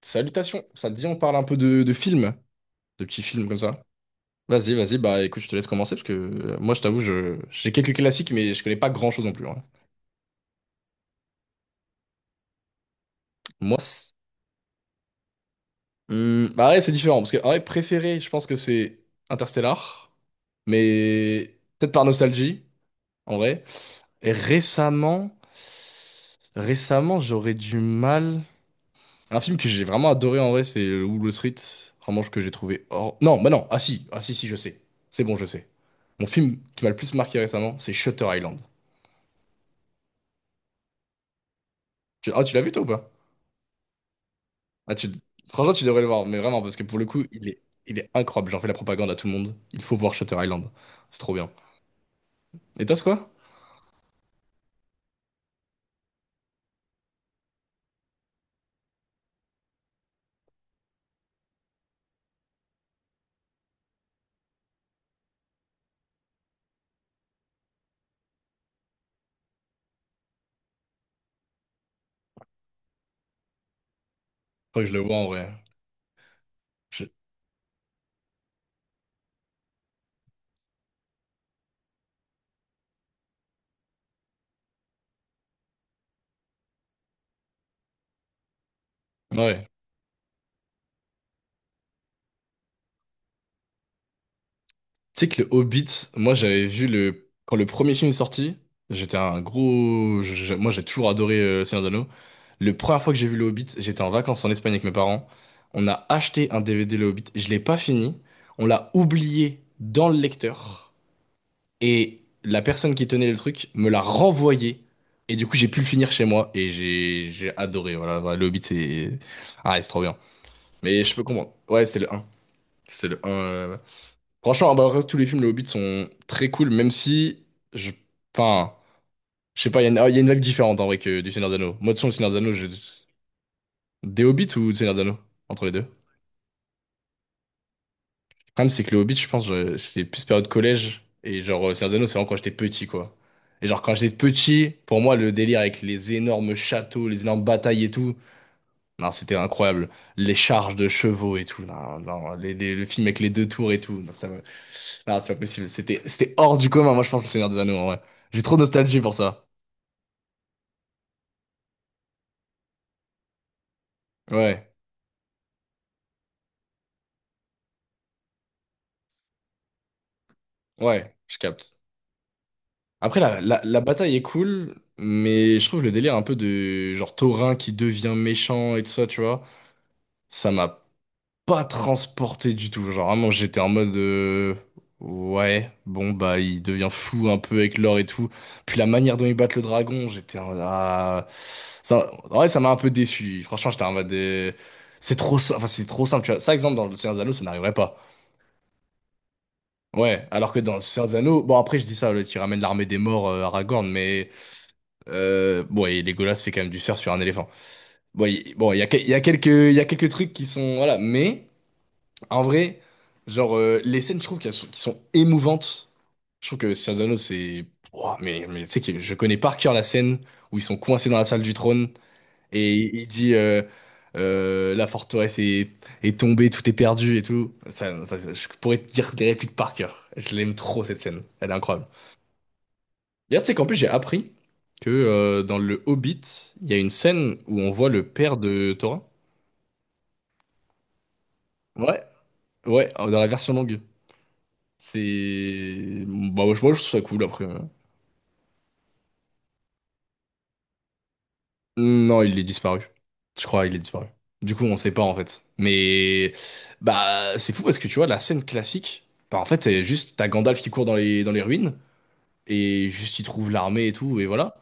Salutations, ça te dit on parle un peu de films, de petits films comme ça. Vas-y, vas-y, bah écoute, je te laisse commencer parce que moi je t'avoue, j'ai quelques classiques mais je connais pas grand-chose non plus, hein. Moi, c'est- Bah ouais, c'est différent parce que en vrai, préféré, je pense que c'est Interstellar, mais peut-être par nostalgie en vrai. Et récemment, récemment, j'aurais du mal. Un film que j'ai vraiment adoré en vrai, c'est Wall Street, vraiment que j'ai trouvé hors. Non, bah non, ah si, ah si, si, je sais. C'est bon, je sais. Mon film qui m'a le plus marqué récemment, c'est Shutter Island. Tu... Ah, tu l'as vu toi ou pas? Ah, tu... Franchement, tu devrais le voir, mais vraiment, parce que pour le coup, il est incroyable. J'en fais la propagande à tout le monde. Il faut voir Shutter Island. C'est trop bien. Et toi, c'est quoi? Faut que je le vois en vrai. Je- Ouais. Tu sais que le Hobbit, moi j'avais vu le. Quand le premier film est sorti, j'étais un gros. Moi j'ai toujours adoré Seigneur des Anneaux. Le première fois que j'ai vu le Hobbit, j'étais en vacances en Espagne avec mes parents. On a acheté un DVD le Hobbit. Je l'ai pas fini. On l'a oublié dans le lecteur. Et la personne qui tenait le truc me l'a renvoyé. Et du coup, j'ai pu le finir chez moi. Et j'ai adoré. Voilà, voilà, le Hobbit, c'est. Ah, c'est trop bien. Mais je peux comprendre. Ouais, c'était le un. C'est le un. Franchement, bah, après, tous les films, le Hobbit sont très cool, même si. Je... Enfin, je sais pas, il y a une vibe différente en vrai que du Seigneur des Anneaux. Moi, de toute façon, le Seigneur des Anneaux, je- des Hobbits ou du Seigneur des Anneaux? Entre les deux. Problème, c'est que le Hobbit, j'étais plus période collège. Et genre, Seigneur des Anneaux, c'est vraiment quand j'étais petit, quoi. Et genre, quand j'étais petit, pour moi, le délire avec les énormes châteaux, les énormes batailles et tout, non, c'était incroyable. Les charges de chevaux et tout, non, non, le film avec les deux tours et tout, non, ça me- non, c'est pas possible. C'était hors du commun, moi, je pense, le Seigneur des Anneaux, en vrai. J'ai trop de nostalgie pour ça. Ouais, ouais, je capte. Après, la bataille est cool, mais je trouve le délire un peu de genre taurin qui devient méchant et tout ça, tu vois. Ça m'a pas transporté du tout. Genre vraiment, j'étais en mode ouais, bon bah il devient fou un peu avec l'or et tout. Puis la manière dont ils battent le dragon, j'étais en mode, ah, ça, en vrai, ça m'a un peu déçu. Franchement, j'étais en mode c'est trop, enfin c'est trop simple. Tu vois, ça exemple dans le Seigneur des Anneaux, ça n'arriverait pas. Ouais, alors que dans le Seigneur des Anneaux, bon après je dis ça, là, tu ramènes l'armée des morts Aragorn, mais bon et Legolas fait quand même du surf sur un éléphant. Bon, il, bon, il y a quelques trucs qui sont voilà, mais. En vrai, genre, les scènes, je trouve qui sont émouvantes. Je trouve que Scienzano, c'est. Ouah, mais tu sais que je connais par cœur la scène où ils sont coincés dans la salle du trône et il dit la forteresse est, est tombée, tout est perdu et tout. Ça, je pourrais te dire des répliques par cœur. Je l'aime trop cette scène. Elle est incroyable. D'ailleurs, tu sais qu'en plus, j'ai appris que dans le Hobbit, il y a une scène où on voit le père de Thorin. Ouais, ouais, dans la version longue. C'est... Bah, moi, je trouve ça cool, après, Non, il est disparu. Je crois, il est disparu. Du coup, on sait pas, en fait. Mais... Bah, c'est fou, parce que, tu vois, la scène classique... Bah, en fait, c'est juste... T'as Gandalf qui court dans dans les ruines, et juste, il trouve l'armée et tout, et voilà.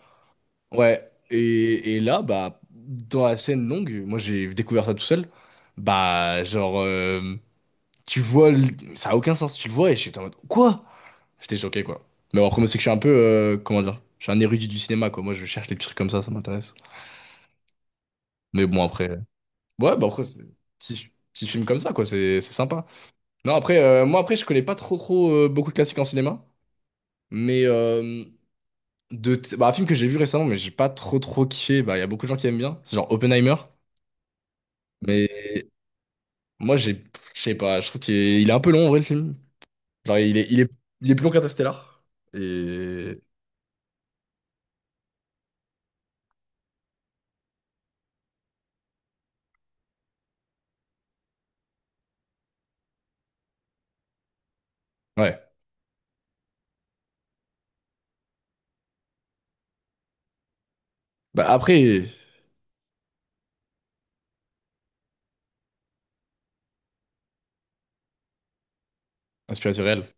Ouais. Et là, bah... Dans la scène longue, moi, j'ai découvert ça tout seul. Bah, genre... Tu vois... le- ça a aucun sens. Tu le vois, et je suis en mode... Quoi? J'étais choqué, quoi. Mais bon, après, moi, c'est que je suis un peu, comment dire, je suis un érudit du cinéma, quoi. Moi, je cherche les petits trucs comme ça m'intéresse. Mais bon, après, ouais, bah après, c'est petit, petit film comme ça, quoi, c'est sympa. Non, après, moi, après, je connais pas trop beaucoup de classiques en cinéma, mais bah, un film que j'ai vu récemment, mais j'ai pas trop kiffé, bah, il y a beaucoup de gens qui aiment bien, c'est genre Oppenheimer, mais moi, j'ai, pff, je sais pas, je trouve il est un peu long, en vrai, le film. Genre, il est plus long qu'Interstellar, et ouais. Bah, après, inspiration réelle.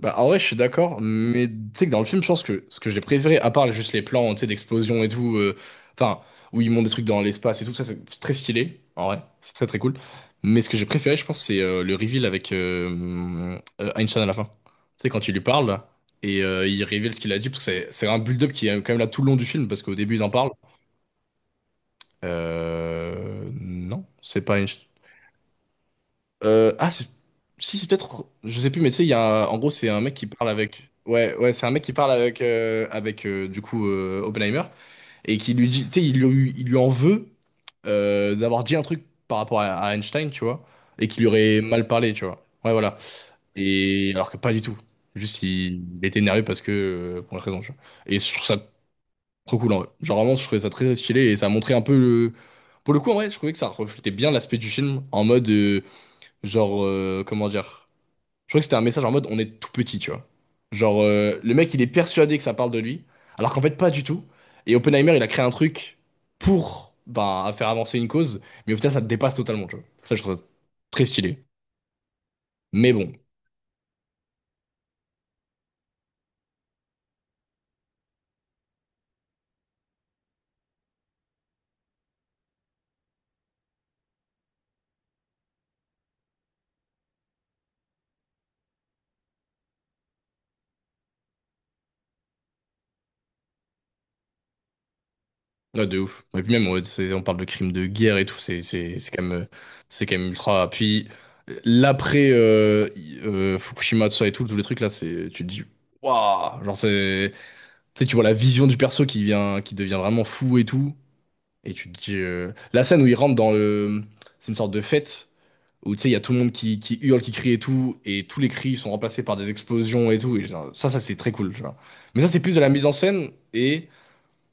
Bah, en vrai, je suis d'accord, mais tu sais que dans le film, je pense que ce que j'ai préféré, à part juste les plans, tu sais, d'explosion et tout, enfin, où ils montent des trucs dans l'espace et tout, ça, c'est très stylé, en vrai, c'est très très cool. Mais ce que j'ai préféré, je pense, c'est le reveal avec Einstein à la fin. Tu sais, quand il lui parle, là, et il révèle ce qu'il a dit, parce que c'est un build-up qui est quand même là tout le long du film, parce qu'au début, il en parle. Non, c'est pas Einstein. Euh, ah, c'est- Si, c'est peut-être. Je sais plus, mais tu sais, il y a un- en gros, c'est un mec qui parle avec. Ouais, ouais, c'est un mec qui parle avec, Oppenheimer et qui lui dit. Tu sais, il lui en veut d'avoir dit un truc par rapport à Einstein, tu vois, et qu'il lui aurait mal parlé, tu vois. Ouais, voilà. Et alors que pas du tout. Juste, il était énervé parce que, pour une raison, tu vois. Et je trouve ça trop cool, en vrai. Genre, vraiment, je trouvais ça très stylé et ça montrait un peu le. Pour le coup, en vrai, je trouvais que ça reflétait bien l'aspect du film en mode, genre, comment dire. Je crois que c'était un message en mode on est tout petit, tu vois. Genre, le mec, il est persuadé que ça parle de lui, alors qu'en fait, pas du tout. Et Oppenheimer, il a créé un truc pour bah, faire avancer une cause, mais au final, ça te dépasse totalement, tu vois. Ça, je trouve ça très stylé. Mais bon, ouais, de ouf. Et puis même, ouais, on parle de crimes de guerre et tout, c'est quand même ultra. Puis l'après Fukushima, tout ça et tout, tous les trucs là, c'est, tu te dis, waouh, genre, c'est. Tu sais, tu vois la vision du perso qui vient, qui devient vraiment fou et tout. Et tu te dis, la scène où il rentre dans le. C'est une sorte de fête où tu sais, il y a tout le monde qui hurle, qui crie et tout, et tous les cris sont remplacés par des explosions et tout. Et genre, ça c'est très cool, tu vois. Mais ça, c'est plus de la mise en scène et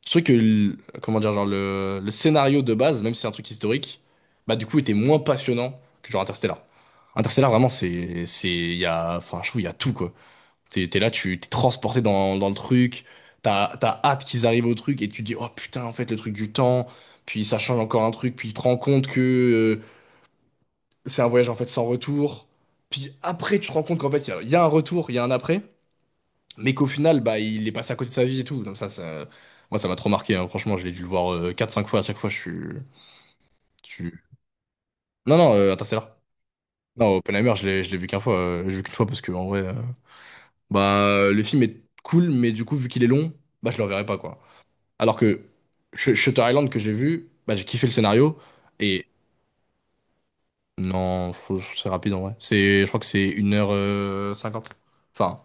je trouve que. Comment dire, genre, le scénario de base, même si c'est un truc historique, bah du coup, était moins passionnant que genre Interstellar. Interstellar, vraiment, c'est. Il y a. Enfin, je trouve, il y a tout, quoi. T'es là, tu t'es transporté dans le truc, t'as hâte qu'ils arrivent au truc et tu dis, oh putain, en fait, le truc du temps, puis ça change encore un truc, puis tu te rends compte que c'est un voyage en fait sans retour, puis après tu te rends compte qu'en fait, il y a un retour, il y a un après, mais qu'au final, bah, il est passé à côté de sa vie et tout, donc ça, moi, ça m'a trop marqué, hein. Franchement, je l'ai dû le voir 4-5 fois, à chaque fois, je suis- Non, non, Interstellar. Non, Oppenheimer, je l'ai vu qu'une fois, je l'ai vu qu'une fois parce que, en vrai, bah, le film est cool, mais du coup, vu qu'il est long, bah, je le reverrai pas, quoi. Alors que Shutter Island que j'ai vu, bah, j'ai kiffé le scénario. Et non, je trouve- c'est rapide en vrai. C'est, je crois que c'est une heure cinquante. Enfin,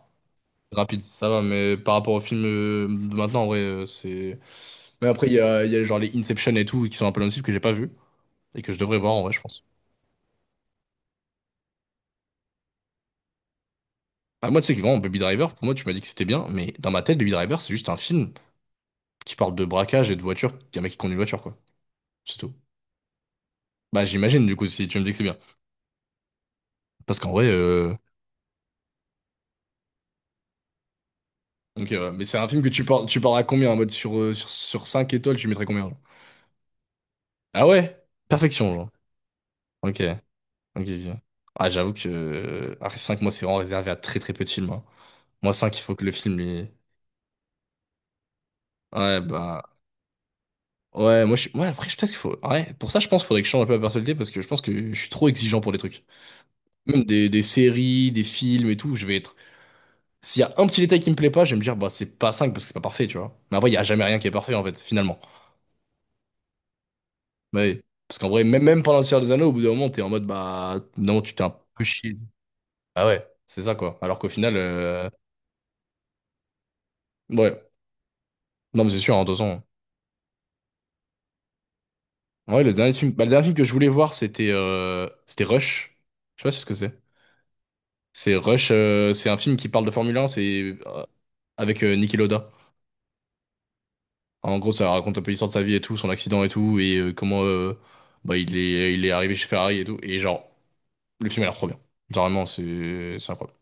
rapide, ça va, mais par rapport au film de maintenant, en vrai, c'est. Mais après, il y a genre les Inception et tout qui sont un peu dans le style que j'ai pas vu et que je devrais voir en vrai, je pense. Ah, moi, tu sais que vraiment, Baby Driver, pour moi, tu m'as dit que c'était bien, mais dans ma tête, Baby Driver, c'est juste un film qui parle de braquage et de voiture, qu'un mec qui conduit une voiture, quoi. C'est tout. Bah, j'imagine, du coup, si tu me dis que c'est bien. Parce qu'en vrai, ok, ouais. Mais c'est un film que tu pars à combien? En mode sur 5 étoiles, tu mettrais combien, genre? Ah ouais? Perfection, genre. Ok, ok, ok. Ah, j'avoue que après 5, moi, c'est vraiment réservé à très très peu de films, hein. Moi, 5, il faut que le film. Il- Ouais, bah. Ouais, moi, je suis. Ouais, après, peut-être qu'il faut. Ouais, pour ça, je pense qu'il faudrait que je change un peu ma personnalité parce que je pense que je suis trop exigeant pour des trucs. Même des séries, des films et tout, je vais être. S'il y a un petit détail qui me plaît pas, je vais me dire, bah, c'est pas 5 parce que c'est pas parfait, tu vois. Mais après, il y a jamais rien qui est parfait, en fait, finalement. Ouais, parce qu'en vrai, même pendant le Seigneur des Anneaux, au bout d'un moment, t'es en mode, bah, non, tu t'es un peu chié. Ah ouais, c'est ça, quoi. Alors qu'au final, ouais. Non, mais c'est sûr, en 2 ans. Ouais, le dernier film, bah, le dernier film que je voulais voir, c'était c'était Rush. Je sais pas si ce que c'est. C'est Rush, c'est un film qui parle de Formule 1, c'est avec Niki Lauda. En gros, ça raconte un peu l'histoire de sa vie et tout, son accident et tout, et comment bah, il est arrivé chez Ferrari et tout. Et genre, le film a l'air trop bien. Genre, vraiment, c'est incroyable.